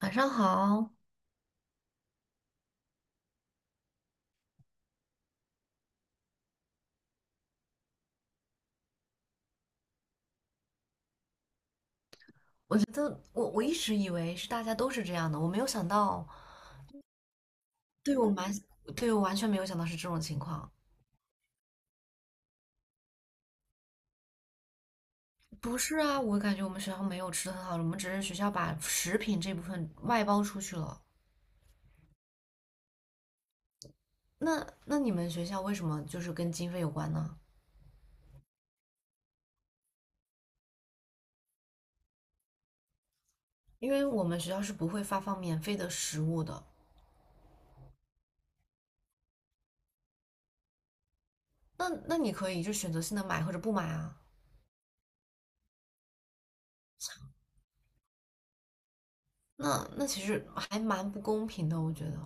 晚上好。我觉得我一直以为是大家都是这样的，我没有想到。对我蛮，对我完全没有想到是这种情况。不是啊，我感觉我们学校没有吃的很好的，我们只是学校把食品这部分外包出去了。那你们学校为什么就是跟经费有关呢？因为我们学校是不会发放免费的食物的。那你可以就选择性的买或者不买啊。那其实还蛮不公平的，我觉得。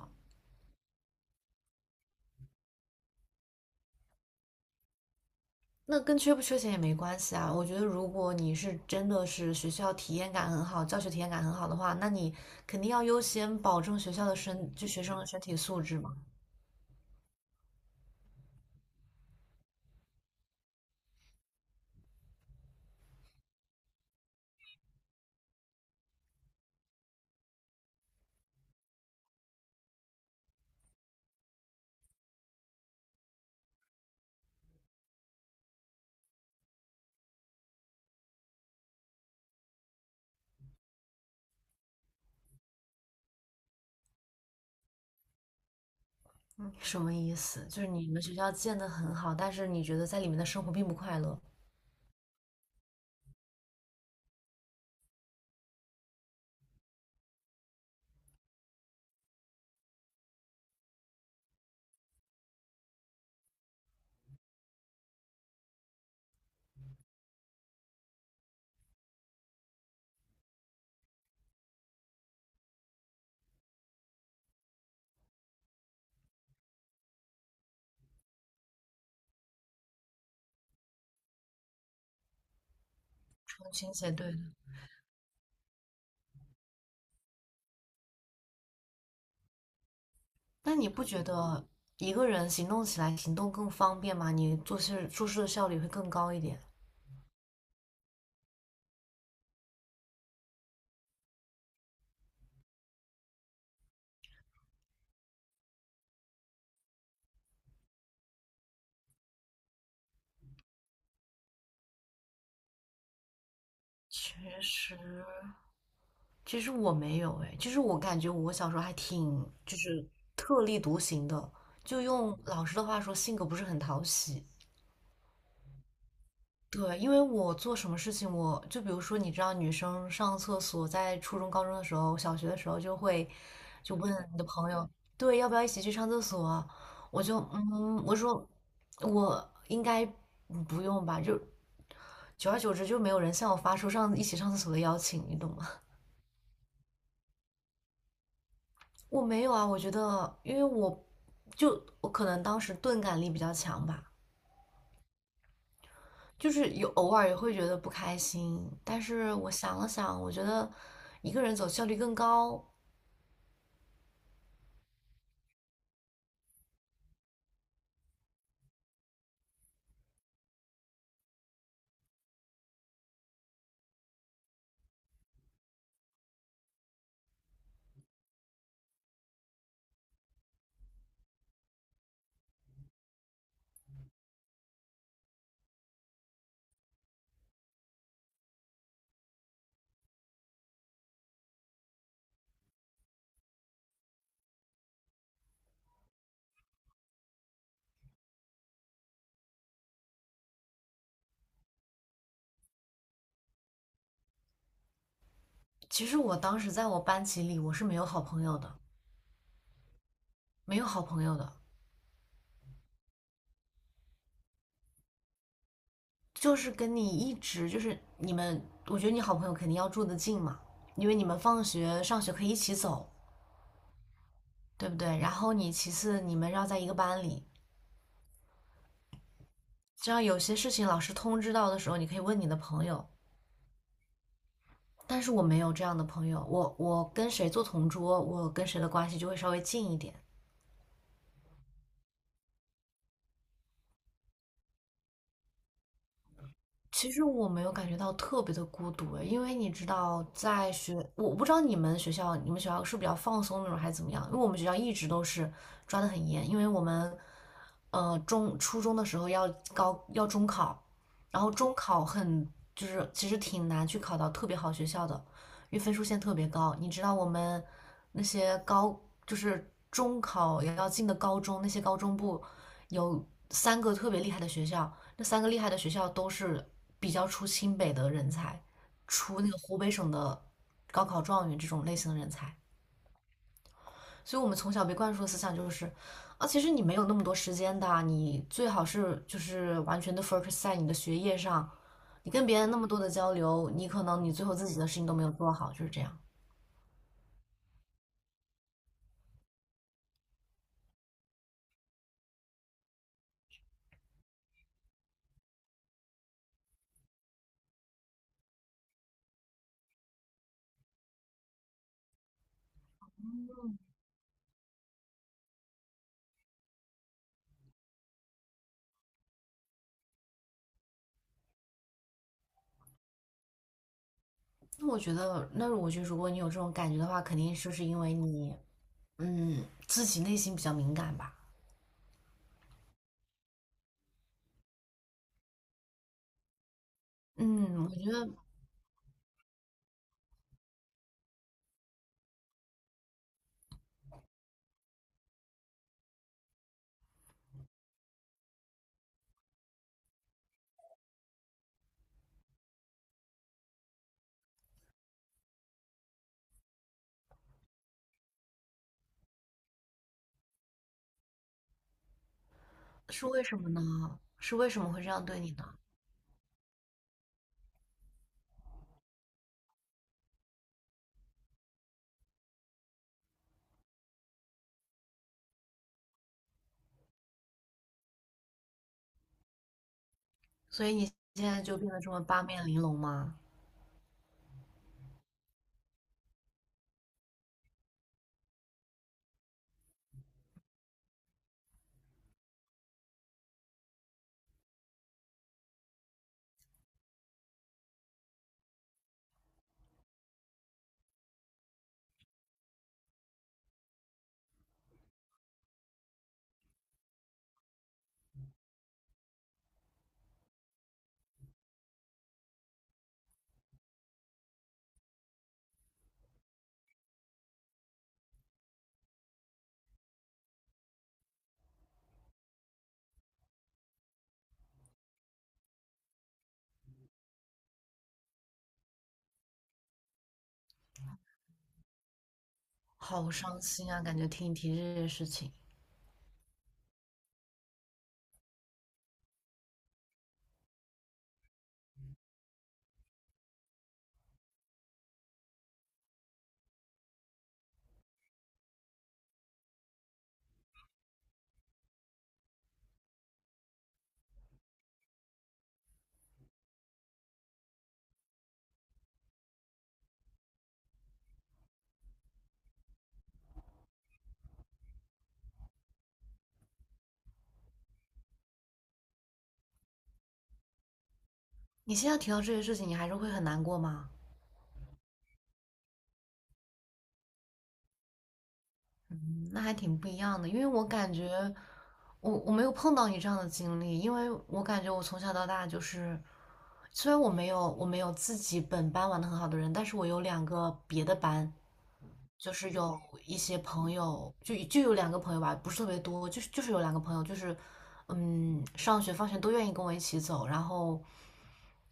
那跟缺不缺钱也没关系啊。我觉得，如果你是真的是学校体验感很好，教学体验感很好的话，那你肯定要优先保证学校的身，就学生的身体素质嘛。嗯，什么意思？就是你们学校建得很好，但是你觉得在里面的生活并不快乐，成群写对的。那你不觉得一个人行动起来更方便吗？你做事的效率会更高一点。确实。其实我没有哎，其实我感觉我小时候还挺特立独行的，就用老师的话说，性格不是很讨喜。对，因为我做什么事情，我就比如说，你知道，女生上厕所，在初中、高中的时候，小学的时候就会问你的朋友，对，要不要一起去上厕所啊？我就嗯，我说我应该不用吧，就久而久之就没有人向我发出一起上厕所的邀请，你懂吗？我没有啊，我觉得，因为我就我可能当时钝感力比较强吧，就是有偶尔也会觉得不开心，但是我想了想，我觉得一个人走效率更高。其实我当时在我班级里，我是没有好朋友的，没有好朋友的。就是跟你一直就是你们，我觉得你好朋友肯定要住得近嘛，因为你们放学上学可以一起走，对不对？然后你其次你们要在一个班里，这样有些事情老师通知到的时候，你可以问你的朋友。但是我没有这样的朋友，我跟谁做同桌，我跟谁的关系就会稍微近一点。其实我没有感觉到特别的孤独诶，因为你知道，我不知道你们学校，你们学校是比较放松那种还是怎么样？因为我们学校一直都是抓得很严，因为我们，呃，初中的时候要中考，然后中考很就是其实挺难去考到特别好学校的，因为分数线特别高。你知道我们那些高就是中考也要进的高中，那些高中部有三个特别厉害的学校。那三个厉害的学校都是比较出清北的人才，出那个湖北省的高考状元这种类型的人才。所以我们从小被灌输的思想就是，啊，其实你没有那么多时间的，你最好是完全的 focus 在你的学业上，你跟别人那么多的交流，你可能你最后自己的事情都没有做好，就是这样。那我觉得如果你有这种感觉的话，肯定就是因为你，嗯，自己内心比较敏感吧。嗯，我觉得是为什么呢？是为什么会这样对你呢？所以你现在就变得这么八面玲珑吗？好伤心啊！感觉听你提这些事情，你现在提到这些事情，你还是会很难过吗？嗯，那还挺不一样的，因为我感觉我没有碰到你这样的经历，因为我感觉我从小到大就是，虽然我没有自己本班玩的很好的人，但是我有两个别的班，就是有一些朋友，就有两个朋友吧，不是特别多，就是有两个朋友，就是嗯，上学放学都愿意跟我一起走，然后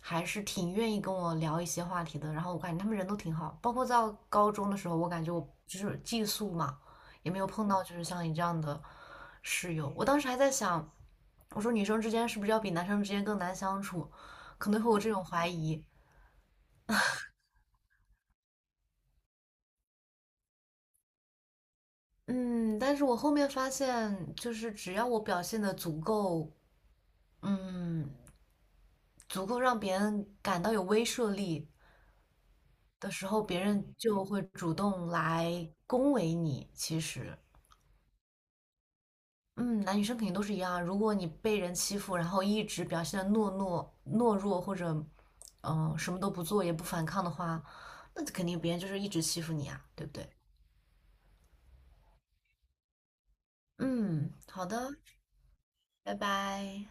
还是挺愿意跟我聊一些话题的。然后我感觉他们人都挺好，包括到高中的时候，我感觉我就是寄宿嘛，也没有碰到就是像你这样的室友。我当时还在想，我说女生之间是不是要比男生之间更难相处？可能会有这种怀疑。嗯，但是我后面发现，就是只要我表现的足够嗯，足够让别人感到有威慑力的时候，别人就会主动来恭维你。其实，嗯，男女生肯定都是一样啊，如果你被人欺负，然后一直表现的懦弱，或者什么都不做也不反抗的话，那肯定别人就是一直欺负你啊，对不对？嗯，好的，拜拜。